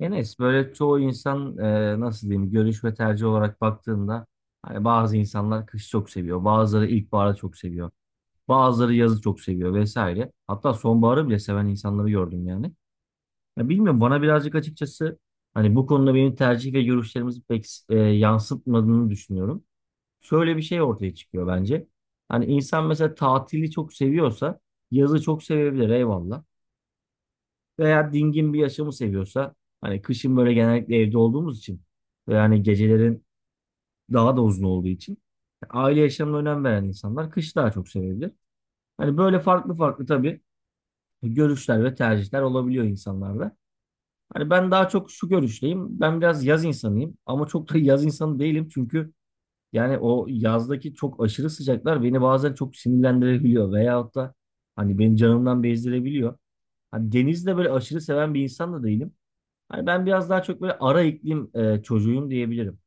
Enes böyle çoğu insan nasıl diyeyim görüş ve tercih olarak baktığında hani bazı insanlar kışı çok seviyor. Bazıları ilkbaharı çok seviyor. Bazıları yazı çok seviyor vesaire. Hatta sonbaharı bile seven insanları gördüm yani. Ya bilmiyorum bana birazcık açıkçası hani bu konuda benim tercih ve görüşlerimizi pek yansıtmadığını düşünüyorum. Şöyle bir şey ortaya çıkıyor bence. Hani insan mesela tatili çok seviyorsa yazı çok sevebilir eyvallah veya dingin bir yaşamı seviyorsa hani kışın böyle genellikle evde olduğumuz için ve yani gecelerin daha da uzun olduğu için aile yaşamına önem veren insanlar kış daha çok sevebilir. Hani böyle farklı farklı tabii görüşler ve tercihler olabiliyor insanlarda. Hani ben daha çok şu görüşteyim. Ben biraz yaz insanıyım ama çok da yaz insanı değilim çünkü yani o yazdaki çok aşırı sıcaklar beni bazen çok sinirlendirebiliyor veyahut da hani beni canımdan bezdirebiliyor. Hani denizi de böyle aşırı seven bir insan da değilim. Hani ben biraz daha çok böyle ara iklim çocuğuyum diyebilirim.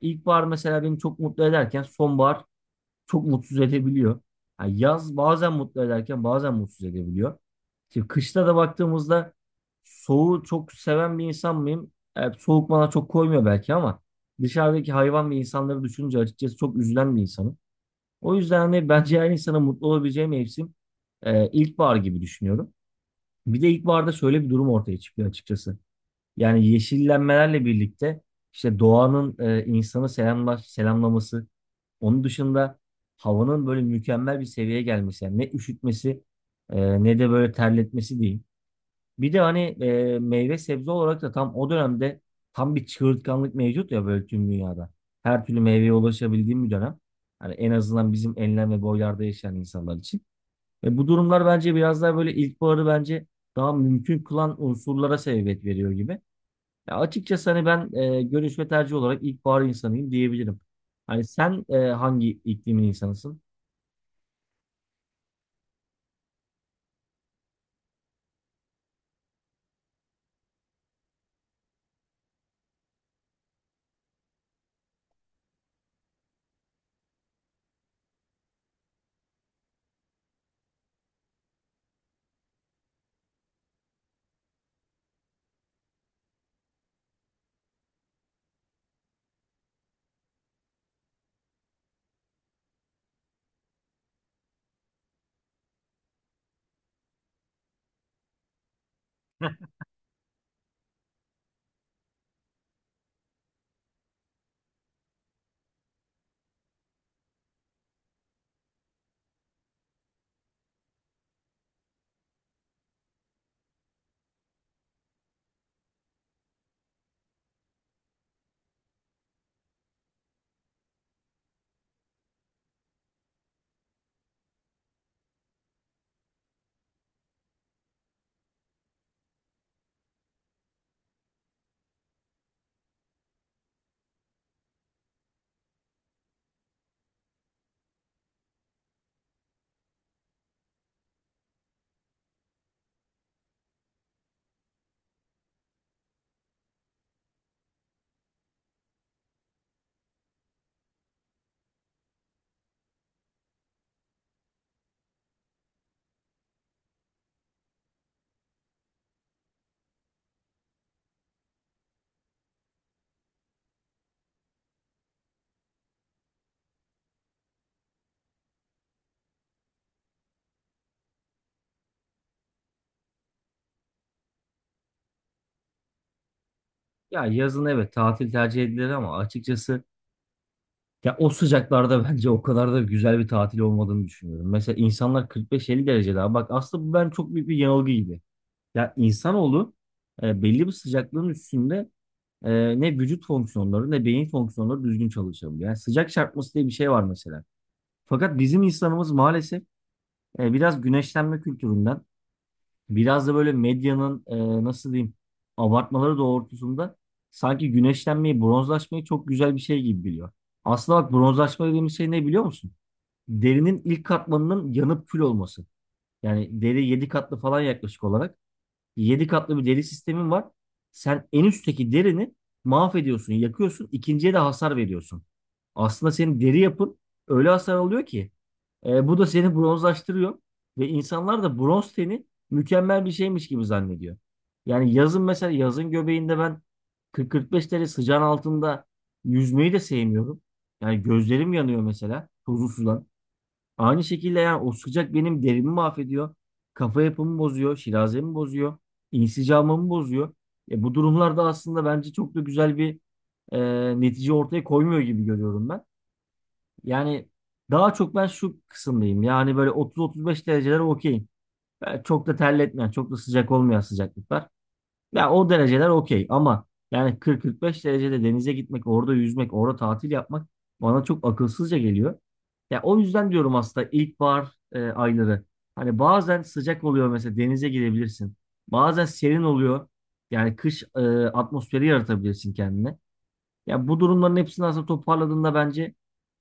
İlkbahar mesela beni çok mutlu ederken sonbahar çok mutsuz edebiliyor. Ha, yaz bazen mutlu ederken bazen mutsuz edebiliyor. Şimdi kışta da baktığımızda soğuğu çok seven bir insan mıyım? Evet, soğuk bana çok koymuyor belki ama dışarıdaki hayvan ve insanları düşününce açıkçası çok üzülen bir insanım. O yüzden hani bence her insana mutlu olabileceği mevsim ilkbahar gibi düşünüyorum. Bir de ilkbaharda şöyle bir durum ortaya çıkıyor açıkçası. Yani yeşillenmelerle birlikte işte doğanın insanı selamlaması, onun dışında havanın böyle mükemmel bir seviyeye gelmesi. Yani ne üşütmesi ne de böyle terletmesi değil. Bir de hani meyve sebze olarak da tam o dönemde tam bir çığırtkanlık mevcut ya böyle tüm dünyada. Her türlü meyveye ulaşabildiğim bir dönem. Hani en azından bizim enlem ve boylarda yaşayan insanlar için. Ve bu durumlar bence biraz daha böyle ilkbaharı bence daha mümkün kılan unsurlara sebebiyet veriyor gibi. Ya açıkçası hani ben görüş ve tercih olarak ilkbahar insanıyım diyebilirim. Hani sen hangi iklimin insanısın? Ya yazın evet tatil tercih edilir ama açıkçası ya o sıcaklarda bence o kadar da güzel bir tatil olmadığını düşünüyorum. Mesela insanlar 45-50 derece daha. Bak aslında bu ben çok büyük bir yanılgı gibi. Ya insanoğlu belli bir sıcaklığın üstünde ne vücut fonksiyonları ne beyin fonksiyonları düzgün çalışabiliyor. Yani sıcak çarpması diye bir şey var mesela. Fakat bizim insanımız maalesef biraz güneşlenme kültüründen biraz da böyle medyanın nasıl diyeyim abartmaları doğrultusunda sanki güneşlenmeyi, bronzlaşmayı çok güzel bir şey gibi biliyor. Aslında bak bronzlaşma dediğimiz şey ne biliyor musun? Derinin ilk katmanının yanıp kül olması. Yani deri 7 katlı falan yaklaşık olarak. 7 katlı bir deri sistemin var. Sen en üstteki derini mahvediyorsun, yakıyorsun, ikinciye de hasar veriyorsun. Aslında senin deri yapın öyle hasar alıyor ki bu da seni bronzlaştırıyor ve insanlar da bronz teni mükemmel bir şeymiş gibi zannediyor. Yani yazın mesela yazın göbeğinde ben 40-45 derece sıcağın altında yüzmeyi de sevmiyorum. Yani gözlerim yanıyor mesela tuzlu sudan. Aynı şekilde yani o sıcak benim derimi mahvediyor. Kafa yapımı bozuyor, şirazemi bozuyor, insicamımı bozuyor. Bu durumlarda aslında bence çok da güzel bir netice ortaya koymuyor gibi görüyorum ben. Yani daha çok ben şu kısımdayım. Yani böyle 30-35 dereceler okey. Yani çok da terletmeyen, çok da sıcak olmayan sıcaklıklar. Ya o dereceler okey ama yani 40-45 derecede denize gitmek, orada yüzmek, orada tatil yapmak bana çok akılsızca geliyor. Ya o yüzden diyorum aslında ilkbahar ayları. Hani bazen sıcak oluyor mesela denize girebilirsin. Bazen serin oluyor. Yani kış atmosferi yaratabilirsin kendine. Ya bu durumların hepsini aslında toparladığında bence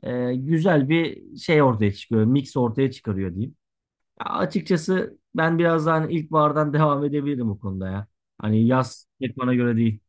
güzel bir şey ortaya çıkıyor. Mix ortaya çıkarıyor diyeyim. Ya açıkçası ben biraz daha hani ilkbahardan devam edebilirim bu konuda ya. Hani yaz pek bana göre değil.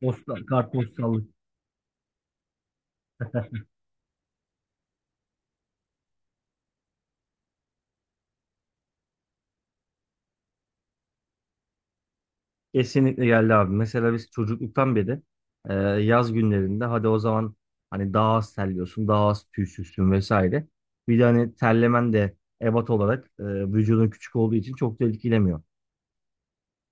Posta, kartpostallık. Kesinlikle geldi abi. Mesela biz çocukluktan beri e, yaz günlerinde hadi o zaman hani daha az terliyorsun, daha az tüysüzsün vesaire. Bir de hani terlemen de ebat olarak vücudun küçük olduğu için çok da etkilemiyor.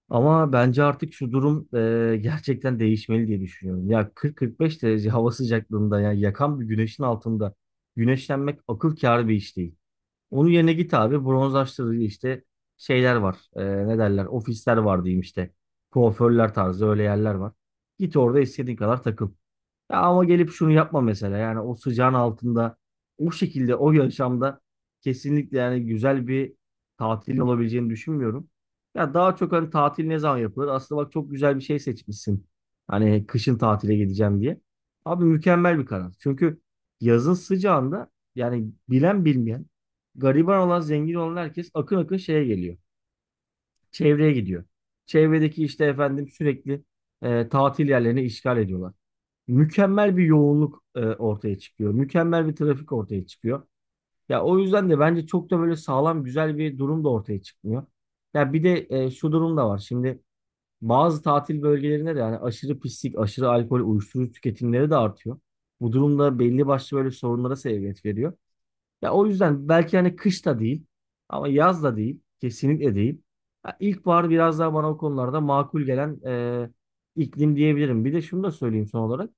Ama bence artık şu durum gerçekten değişmeli diye düşünüyorum. Ya 40-45 derece hava sıcaklığında ya yakan bir güneşin altında güneşlenmek akıl kârı bir iş değil. Onun yerine git abi bronzlaştırıcı işte şeyler var. Ne derler? Ofisler var diyeyim işte. Kuaförler tarzı öyle yerler var. Git orada istediğin kadar takıl. Ya ama gelip şunu yapma mesela. Yani o sıcağın altında o şekilde o yaşamda kesinlikle yani güzel bir tatil olabileceğini düşünmüyorum. Ya daha çok hani tatil ne zaman yapılır? Aslında bak çok güzel bir şey seçmişsin. Hani kışın tatile gideceğim diye. Abi mükemmel bir karar. Çünkü yazın sıcağında yani bilen bilmeyen, gariban olan zengin olan herkes akın akın şeye geliyor. Çevreye gidiyor. Çevredeki işte efendim sürekli tatil yerlerini işgal ediyorlar, mükemmel bir yoğunluk ortaya çıkıyor. Mükemmel bir trafik ortaya çıkıyor. Ya o yüzden de bence çok da böyle sağlam güzel bir durum da ortaya çıkmıyor. Ya bir de şu durum da var. Şimdi bazı tatil bölgelerinde de yani aşırı pislik, aşırı alkol, uyuşturucu tüketimleri de artıyor. Bu durumda belli başlı böyle sorunlara sebebiyet veriyor. Ya o yüzden belki hani kış da değil ama yaz da değil, kesinlikle değil. Ya ilkbahar biraz daha bana o konularda makul gelen e, iklim diyebilirim. Bir de şunu da söyleyeyim son olarak.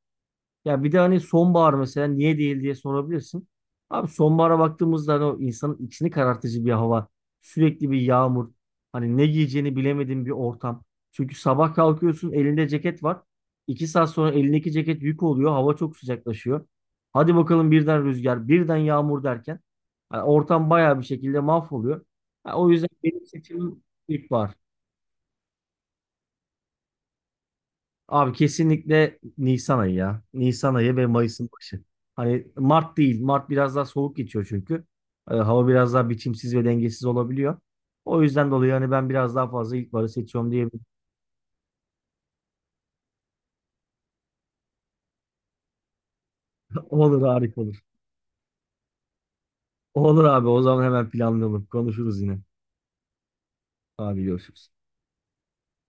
Ya bir de hani sonbahar mesela niye değil diye sorabilirsin. Abi sonbahara baktığımızda hani o insanın içini karartıcı bir hava. Sürekli bir yağmur. Hani ne giyeceğini bilemediğin bir ortam. Çünkü sabah kalkıyorsun elinde ceket var. İki saat sonra elindeki ceket yük oluyor. Hava çok sıcaklaşıyor. Hadi bakalım birden rüzgar, birden yağmur derken, hani ortam bayağı bir şekilde mahvoluyor. Ha, o yüzden benim seçimim ilkbahar. Abi kesinlikle Nisan ayı ya. Nisan ayı ve Mayıs'ın başı. Hani Mart değil. Mart biraz daha soğuk geçiyor çünkü. Hava biraz daha biçimsiz ve dengesiz olabiliyor. O yüzden dolayı hani ben biraz daha fazla ilkbaharı seçiyorum diyebilirim. Olur, harika olur. Olur abi, o zaman hemen planlayalım. Konuşuruz yine. Abi görüşürüz.